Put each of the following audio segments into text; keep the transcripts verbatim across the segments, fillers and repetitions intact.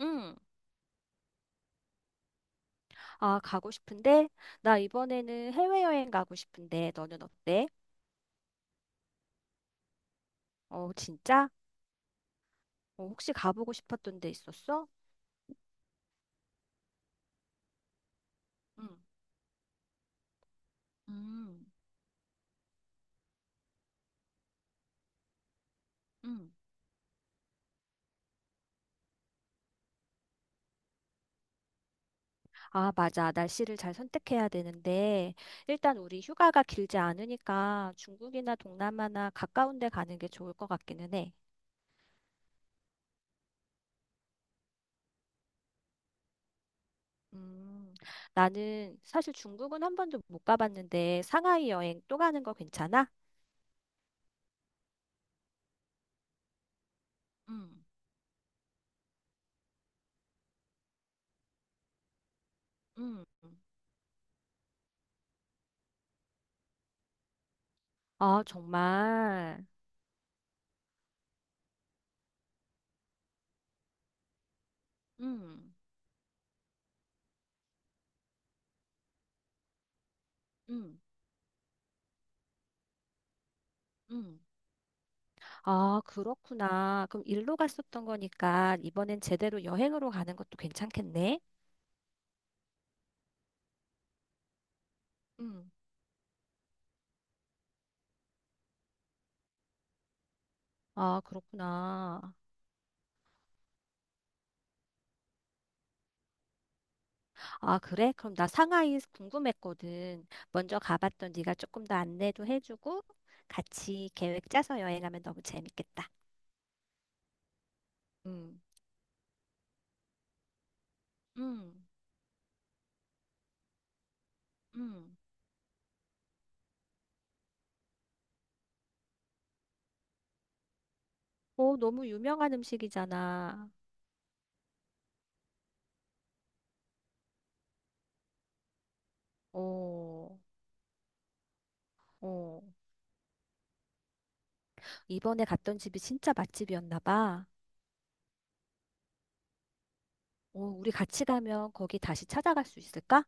응. 아, 가고 싶은데? 나 이번에는 해외여행 가고 싶은데, 너는 어때? 어, 진짜? 어, 혹시 가보고 싶었던 데 있었어? 응, 음, 응, 아, 맞아. 날씨를 잘 선택해야 되는데, 일단 우리 휴가가 길지 않으니까 중국이나 동남아나 가까운 데 가는 게 좋을 것 같기는 해. 음, 나는 사실 중국은 한 번도 못 가봤는데, 상하이 여행 또 가는 거 괜찮아? 응, 응, 아, 정말. 응, 응. 음. 아, 그렇구나. 그럼 일로 갔었던 거니까 이번엔 제대로 여행으로 가는 것도 괜찮겠네? 음. 아, 그렇구나. 아, 그래? 그럼 나 상하이 궁금했거든. 먼저 가봤던 네가 조금 더 안내도 해주고 같이 계획 짜서 여행하면 너무 재밌겠다. 음. 음, 음. 오, 너무 유명한 음식이잖아. 오, 오. 이번에 갔던 집이 진짜 맛집이었나 봐. 오, 우리 같이 가면 거기 다시 찾아갈 수 있을까?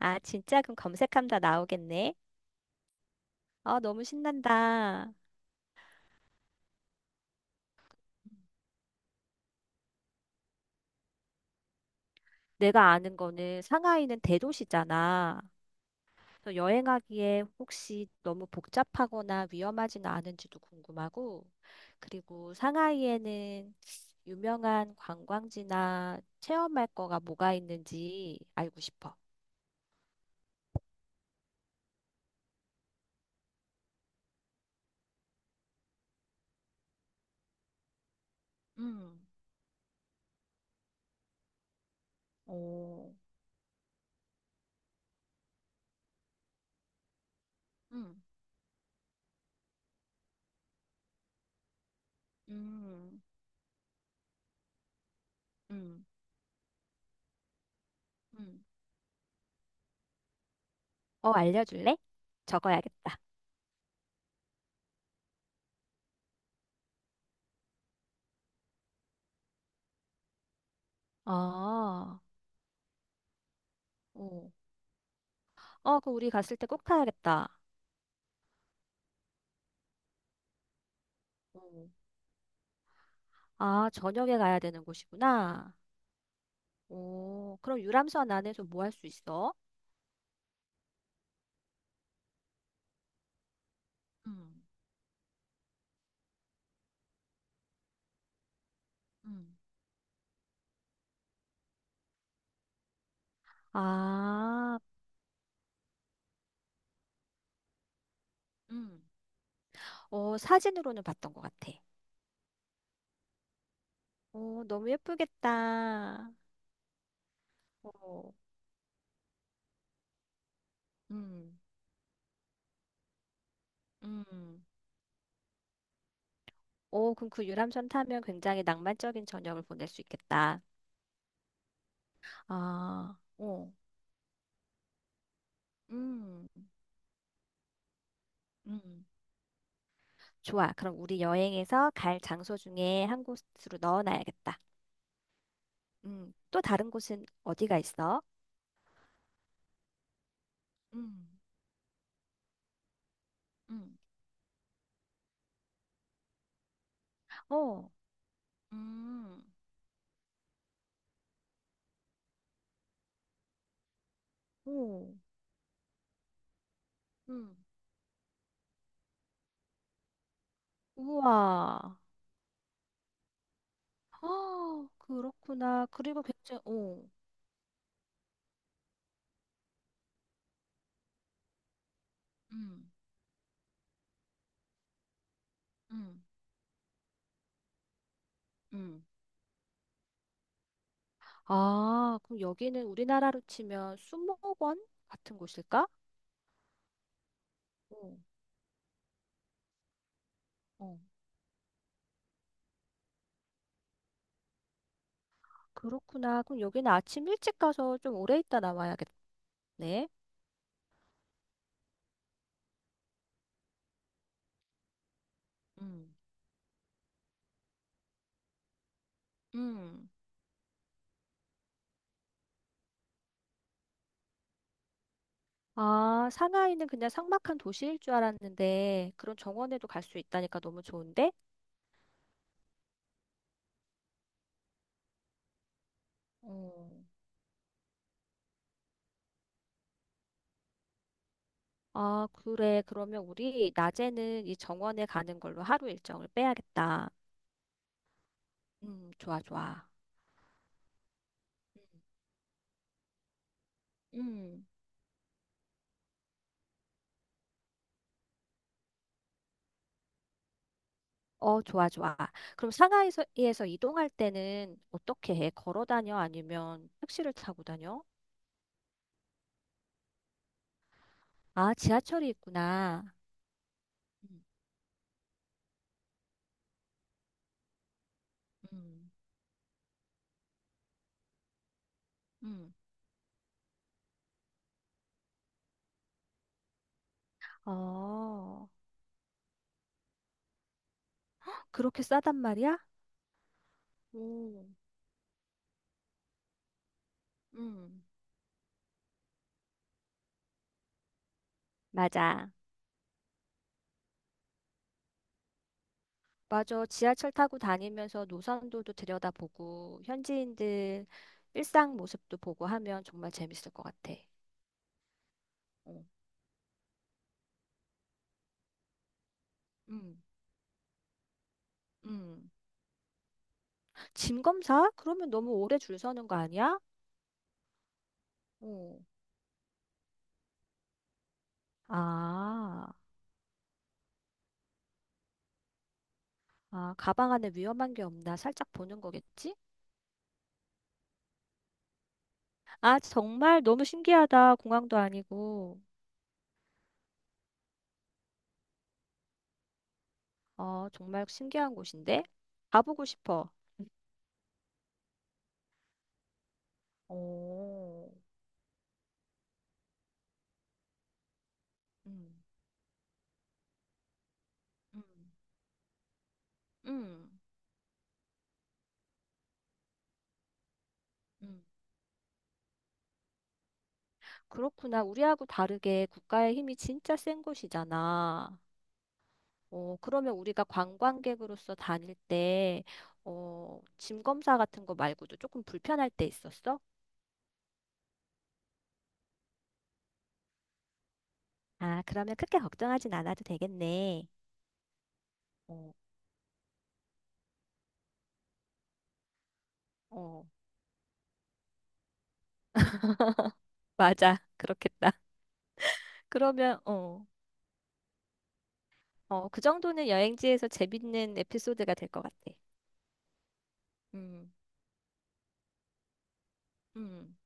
아, 진짜? 그럼 검색하면 다 나오겠네. 아, 너무 신난다. 내가 아는 거는 상하이는 대도시잖아. 그래서 여행하기에 혹시 너무 복잡하거나 위험하지는 않은지도 궁금하고, 그리고 상하이에는 유명한 관광지나 체험할 거가 뭐가 있는지 알고 싶어. 음, 오, 음, 음, 음, 음. 어, 알려줄래? 적어야겠다. 아, 오. 어, 그 우리 갔을 때 꼭 타야겠다. 어. 아, 저녁에 가야 되는 곳이구나. 오, 그럼 유람선 안에서 뭐 할 수 있어? 음. 음. 아, 음. 어, 사진으로는 봤던 것 같아. 오, 너무 예쁘겠다. 어, 음. 음. 오, 그럼 그 유람선 타면 굉장히 낭만적인 저녁을 보낼 수 있겠다. 아, 어, 음. 음. 좋아. 그럼 우리 여행에서 갈 장소 중에 한 곳으로 넣어놔야겠다. 음, 또 다른 곳은 어디가 있어? 음, 음, 어, 음, 오, 음, 우와. 어, 그렇구나. 그리고 굉장히, 어. 음, 음, 음. 아, 그럼 여기는 우리나라로 치면 수목원 같은 곳일까? 오, 어, 그렇구나. 그럼 여기는 아침 일찍 가서 좀 오래 있다 나와야겠네. 음, 음. 아, 상하이는 그냥 삭막한 도시일 줄 알았는데 그런 정원에도 갈 수 있다니까 너무 좋은데? 어, 아, 그래. 그러면 우리 낮에는 이 정원에 가는 걸로 하루 일정을 빼야겠다. 음, 좋아, 좋아. 음. 음. 어, 좋아, 좋아. 그럼 상하이에서 에서 이동할 때는 어떻게 해? 걸어 다녀? 아니면 택시를 타고 다녀? 아, 지하철이 있구나. 음. 음. 음. 어, 그렇게 싸단 말이야? 오. 음. 맞아. 맞아. 지하철 타고 다니면서 노선도도 들여다보고 현지인들 일상 모습도 보고 하면 정말 재밌을 것 같아. 어, 음, 음. 짐 검사? 그러면 너무 오래 줄 서는 거 아니야? 어. 아, 아, 가방 안에 위험한 게 없나 살짝 보는 거겠지? 아, 정말 너무 신기하다. 공항도 아니고. 어, 정말 신기한 곳인데? 가보고 싶어. 오. 음, 음, 음. 음. 그렇구나. 우리하고 다르게 국가의 힘이 진짜 센 곳이잖아. 어, 그러면 우리가 관광객으로서 다닐 때, 어, 짐 검사 같은 거 말고도 조금 불편할 때 있었어? 아, 그러면 크게 걱정하진 않아도 되겠네. 어, 어, 맞아. 그렇겠다. 그러면, 어, 어, 그 정도는 여행지에서 재밌는 에피소드가 될 것 같아. 음, 음.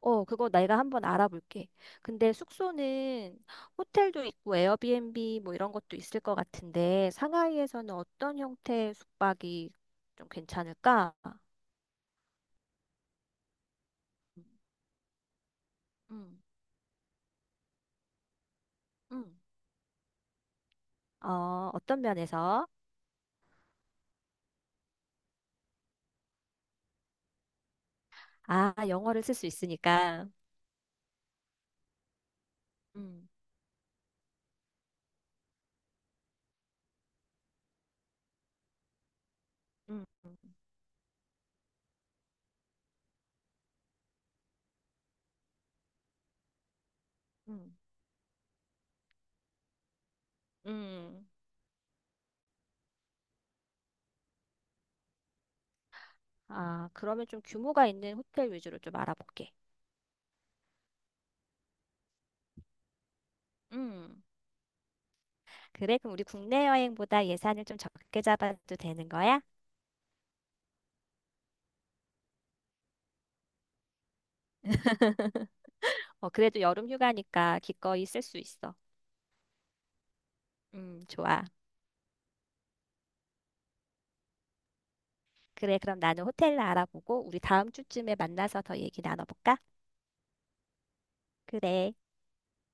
어, 그거 내가 한번 알아볼게. 근데 숙소는 호텔도 있고 에어비앤비 뭐 이런 것도 있을 것 같은데 상하이에서는 어떤 형태의 숙박이 좀 괜찮을까? 음, 음, 어, 어떤 면에서? 아, 영어를 쓸 수 있으니까. 음, 음, 음, 음. 아, 그러면 좀 규모가 있는 호텔 위주로 좀 알아볼게. 음. 그래, 그럼 우리 국내 여행보다 예산을 좀 적게 잡아도 되는 거야? 어, 그래도 여름 휴가니까 기꺼이 쓸 수 있어. 음, 좋아. 그래, 그럼 나는 호텔 알아보고 우리 다음 주쯤에 만나서 더 얘기 나눠볼까? 그래.